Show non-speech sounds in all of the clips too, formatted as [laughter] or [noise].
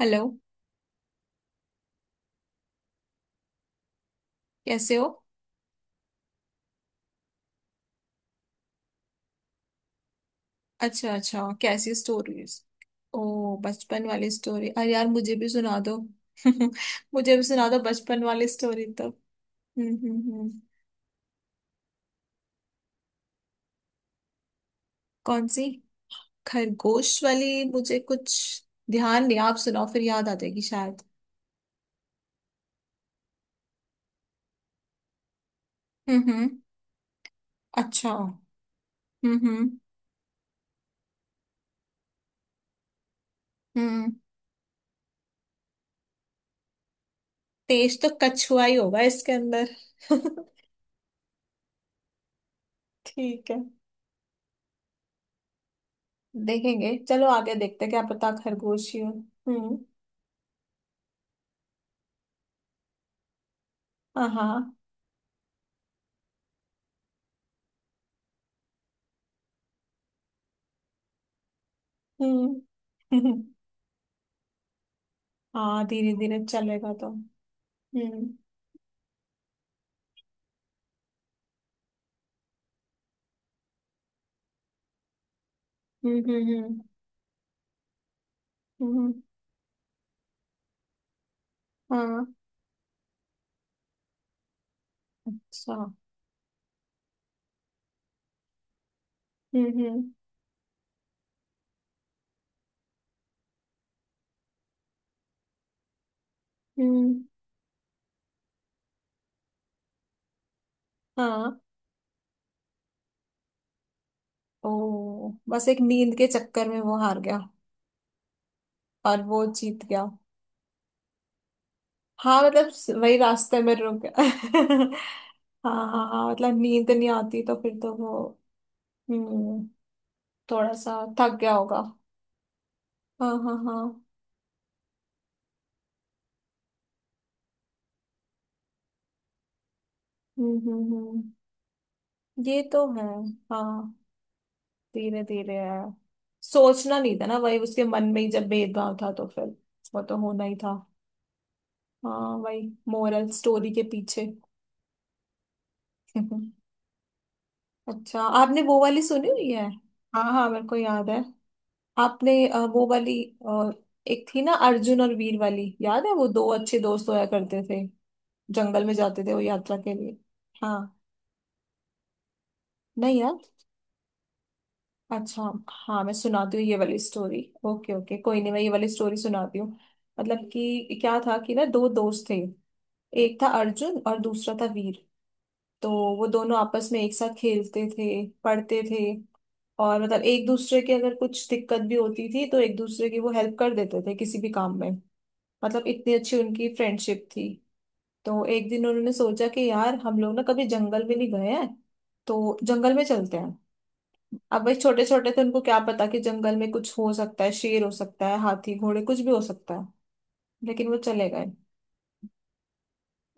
Hello. कैसे हो? अच्छा अच्छा, कैसी स्टोरीज? ओ बचपन वाली स्टोरी! अरे यार मुझे भी सुना दो। [laughs] मुझे भी सुना दो बचपन वाली स्टोरी तो। हम्म, हम्म, हम्म। कौन सी? खरगोश वाली मुझे कुछ ध्यान नहीं। आप सुनाओ, फिर याद आ जाएगी शायद। हम्म, हम्म। अच्छा। हम्म, हम्म, हम्म। तेज तो कछुआ ही होगा इसके अंदर। [laughs] ठीक है। देखेंगे, चलो आगे देखते हैं, क्या पता खरगोश ही हो। हम्म। हाँ हाँ। हम्म। [laughs] हाँ, धीरे धीरे चलेगा तो। हम्म, हम्म, हम्म, हम्म, हम्म। हाँ। अच्छा। हम्म, हम्म, हम्म, हाँ। ओ, बस एक नींद के चक्कर में वो हार गया और वो जीत गया। हाँ मतलब वही रास्ते में रुक गया। [laughs] हाँ हाँ हाँ, मतलब नींद नहीं आती तो फिर तो वो। हम्म। थोड़ा सा थक गया होगा। हाँ हाँ हाँ। हम्म, हम्म, हम्म। ये तो है। हाँ। धीरे धीरे है। सोचना नहीं था ना, वही उसके मन में ही जब भेदभाव था तो फिर वो तो होना ही था। हाँ, वही मोरल स्टोरी के पीछे। [laughs] अच्छा, आपने वो वाली सुनी हुई है? हाँ हाँ, मेरे को याद है। आपने वो वाली। अ, एक थी ना, अर्जुन और वीर वाली याद है? वो दो अच्छे दोस्त होया करते थे। जंगल में जाते थे वो यात्रा के लिए। हाँ। नहीं यार। अच्छा हाँ, मैं सुनाती हूँ ये वाली स्टोरी। ओके ओके, कोई नहीं, मैं ये वाली स्टोरी सुनाती हूँ। मतलब कि क्या था कि ना, दो दोस्त थे। एक था अर्जुन और दूसरा था वीर। तो वो दोनों आपस में एक साथ खेलते थे, पढ़ते थे। और मतलब एक दूसरे के अगर कुछ दिक्कत भी होती थी तो एक दूसरे की वो हेल्प कर देते थे किसी भी काम में। मतलब इतनी अच्छी उनकी फ्रेंडशिप थी। तो एक दिन उन्होंने सोचा कि यार हम लोग ना कभी जंगल भी नहीं गए हैं, तो जंगल में चलते हैं। अब भाई छोटे छोटे थे, उनको क्या पता कि जंगल में कुछ हो सकता है, शेर हो सकता है, हाथी घोड़े कुछ भी हो सकता है। लेकिन वो चले गए।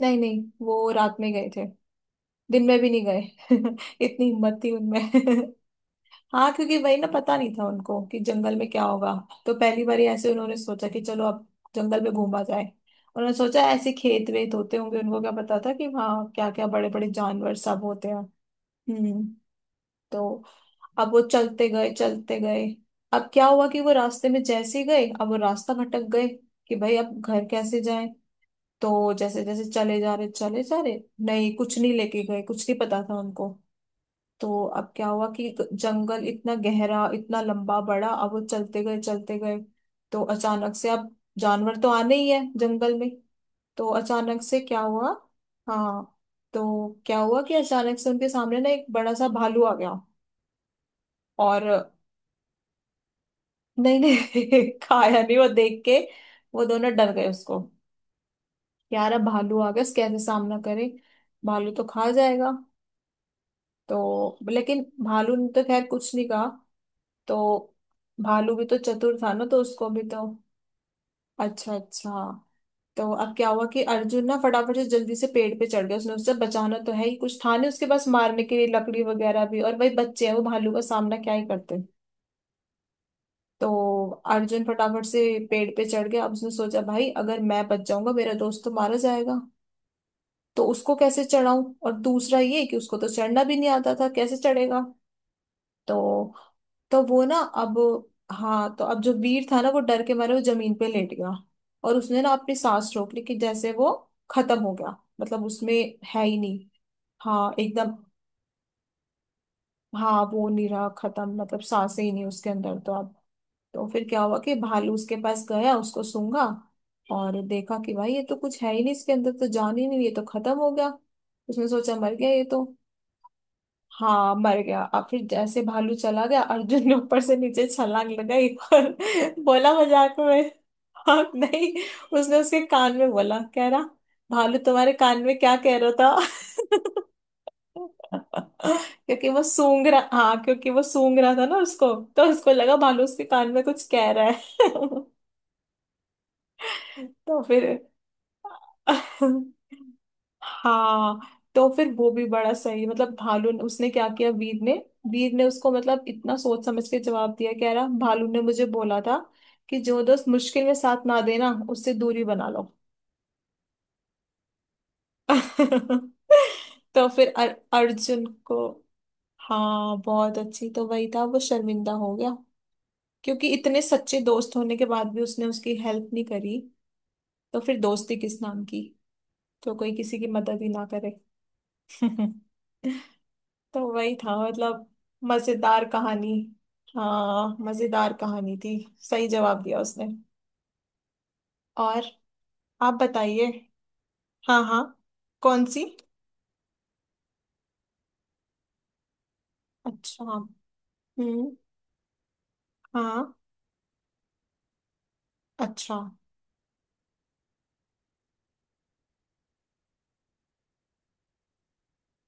नहीं नहीं, वो रात में गए थे, दिन में भी नहीं गए। [laughs] इतनी हिम्मत थी उनमें। [laughs] हाँ, क्योंकि वही ना, पता नहीं था उनको कि जंगल में क्या होगा। तो पहली बार ऐसे उन्होंने सोचा कि चलो अब जंगल में घूमा जाए। उन्होंने सोचा ऐसे खेत वेत होते होंगे, उनको क्या पता था कि वहाँ क्या क्या बड़े बड़े जानवर सब होते हैं। हम्म। तो अब वो चलते गए चलते गए। अब क्या हुआ कि वो रास्ते में जैसे ही गए, अब वो रास्ता भटक गए कि भाई अब घर कैसे जाएं। तो जैसे जैसे चले जा रहे चले जा रहे। नहीं, कुछ नहीं लेके गए, कुछ नहीं पता था उनको। तो अब क्या हुआ कि एक जंगल इतना गहरा, इतना लंबा बड़ा, अब वो चलते गए चलते गए। तो अचानक से, अब जानवर तो आने ही है जंगल में। तो अचानक से क्या हुआ। हाँ, तो क्या हुआ कि अचानक से उनके सामने ना एक बड़ा सा भालू आ गया। और नहीं नहीं, [laughs] खाया नहीं, वो देख के वो दोनों डर गए उसको। यार, अब भालू आ गया, इसके कैसे सामना करें। भालू तो खा जाएगा। तो लेकिन भालू ने तो खैर कुछ नहीं कहा। तो भालू भी तो चतुर था ना, तो उसको भी तो। अच्छा अच्छा। तो अब क्या हुआ कि अर्जुन ना फटाफट से, जल्दी से पेड़ पे चढ़ गया। उसने उससे बचाना तो है ही, कुछ था नहीं उसके पास मारने के लिए, लकड़ी वगैरह भी, और भाई बच्चे हैं, वो भालू का सामना क्या ही करते। तो अर्जुन फटाफट से पेड़ पे चढ़ गया। अब उसने सोचा, भाई अगर मैं बच जाऊंगा, मेरा दोस्त तो मारा जाएगा। तो उसको कैसे चढ़ाऊं? और दूसरा ये कि उसको तो चढ़ना भी नहीं आता था, कैसे चढ़ेगा? तो तो वो ना अब, हाँ, तो अब जो वीर था ना, वो डर के मारे वो जमीन पे लेट गया। और उसने ना अपनी सांस रोक ली कि जैसे वो खत्म हो गया, मतलब उसमें है ही नहीं। हाँ एकदम। हाँ, वो नहीं रहा, खत्म, मतलब सांसें ही नहीं उसके अंदर तो अब। तो फिर क्या हुआ कि भालू उसके पास गया, उसको सूंघा, और देखा कि भाई, ये तो कुछ है ही नहीं, इसके अंदर तो जान ही नहीं, ये तो खत्म हो गया। उसने सोचा मर गया ये तो। हाँ, मर गया। और फिर जैसे भालू चला गया, अर्जुन ने ऊपर से नीचे छलांग लगाई। और [laughs] बोला मजाक में। हाँ नहीं, उसने उसके कान में बोला, कह रहा भालू तुम्हारे कान में क्या कह रहा था। [laughs] क्योंकि वो सूंघ रहा, हाँ क्योंकि वो सूंघ रहा था ना उसको, तो उसको लगा भालू उसके कान में कुछ कह रहा है। [laughs] तो फिर, हाँ, तो फिर वो भी बड़ा सही, मतलब भालू ने, उसने क्या किया, वीर ने। वीर ने उसको मतलब इतना सोच समझ के जवाब दिया, कह रहा भालू ने मुझे बोला था कि जो दोस्त मुश्किल में साथ ना देना, उससे दूरी बना लो। [laughs] तो फिर अर्जुन को, हाँ बहुत अच्छी, तो वही था, वो शर्मिंदा हो गया। क्योंकि इतने सच्चे दोस्त होने के बाद भी उसने उसकी हेल्प नहीं करी। तो फिर दोस्ती किस नाम की? तो कोई किसी की मदद ही ना करे। [laughs] तो वही था, मतलब मजेदार कहानी। हाँ, मजेदार कहानी थी। सही जवाब दिया उसने। और आप बताइए। हाँ हाँ। कौन सी? अच्छा, हम्म, हाँ, अच्छा,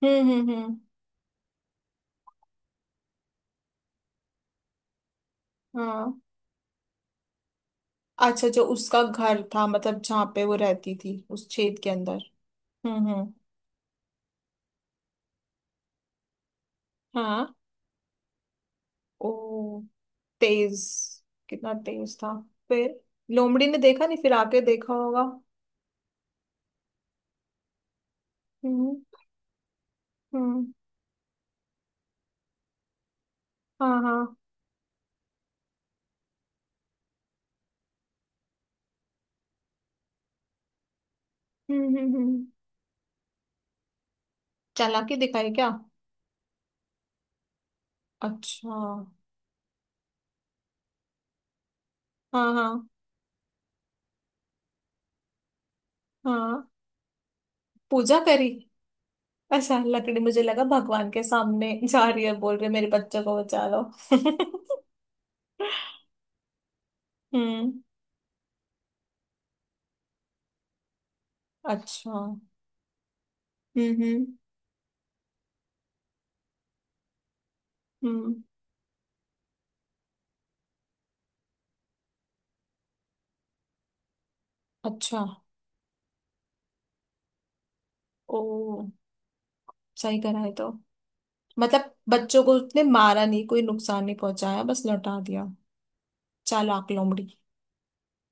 हम्म, हम्म, हम्म, हाँ। अच्छा, जो उसका घर था, मतलब जहाँ पे वो रहती थी, उस छेद के अंदर। हम्म, हम्म। हाँ। ओ, तेज, कितना तेज था। फिर लोमड़ी ने देखा नहीं, फिर आके देखा होगा। हम्म, हम्म, हाँ हाँ, हम्म, हम्म, हम्म। चालाकी दिखाई क्या? अच्छा। हाँ हाँ हाँ। पूजा करी। अच्छा, लकड़ी, मुझे लगा भगवान के सामने जा रही है, बोल रही है मेरे बच्चों को बचा लो। [laughs] हम्म। अच्छा, हम्म, हम्म, हम्म, अच्छा। ओ, सही करा है तो। मतलब बच्चों को उसने मारा नहीं, कोई नुकसान नहीं पहुंचाया, बस लौटा दिया। चालाक लोमड़ी।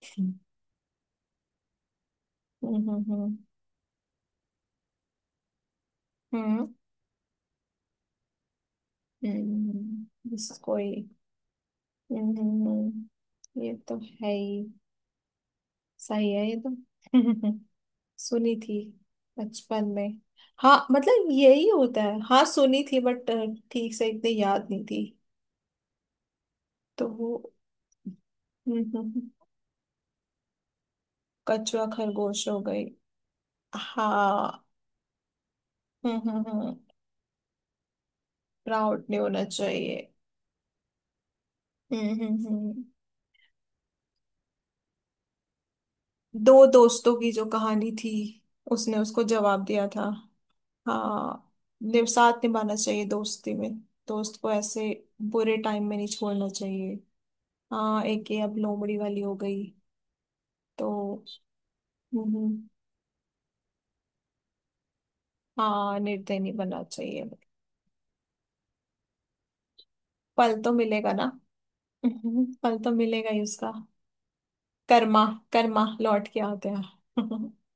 हम्म, हम्म, हम्म, हम्म, हम्म, हम्म, बस कोई। हम्म, ये तो है ही। सही है ये तो। [laughs] सुनी थी बचपन में। हाँ, मतलब यही होता है। हाँ, सुनी थी बट ठीक से इतनी याद नहीं थी, तो वो। हम्म, हम्म, हम्म। कछुआ खरगोश हो गई। हाँ। हम्म, हम्म, प्राउड नहीं होना चाहिए। हम्म, दो दोस्तों की जो कहानी थी, उसने उसको जवाब दिया था। हाँ। साथ निभाना चाहिए दोस्ती में। दोस्त को ऐसे बुरे टाइम में नहीं छोड़ना चाहिए। हाँ, एक ये अब लोमड़ी वाली हो गई तो। हम्म, हाँ, निर्दयी नहीं बनना चाहिए। फल तो मिलेगा ना। फल तो मिलेगा ही उसका। कर्मा, कर्मा लौट के आते हैं। [laughs]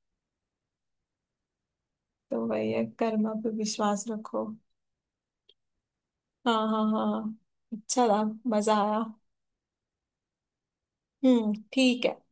तो वही है, कर्मा पे विश्वास रखो। हाँ हाँ हाँ, अच्छा था, मजा आया। हम्म, ठीक है।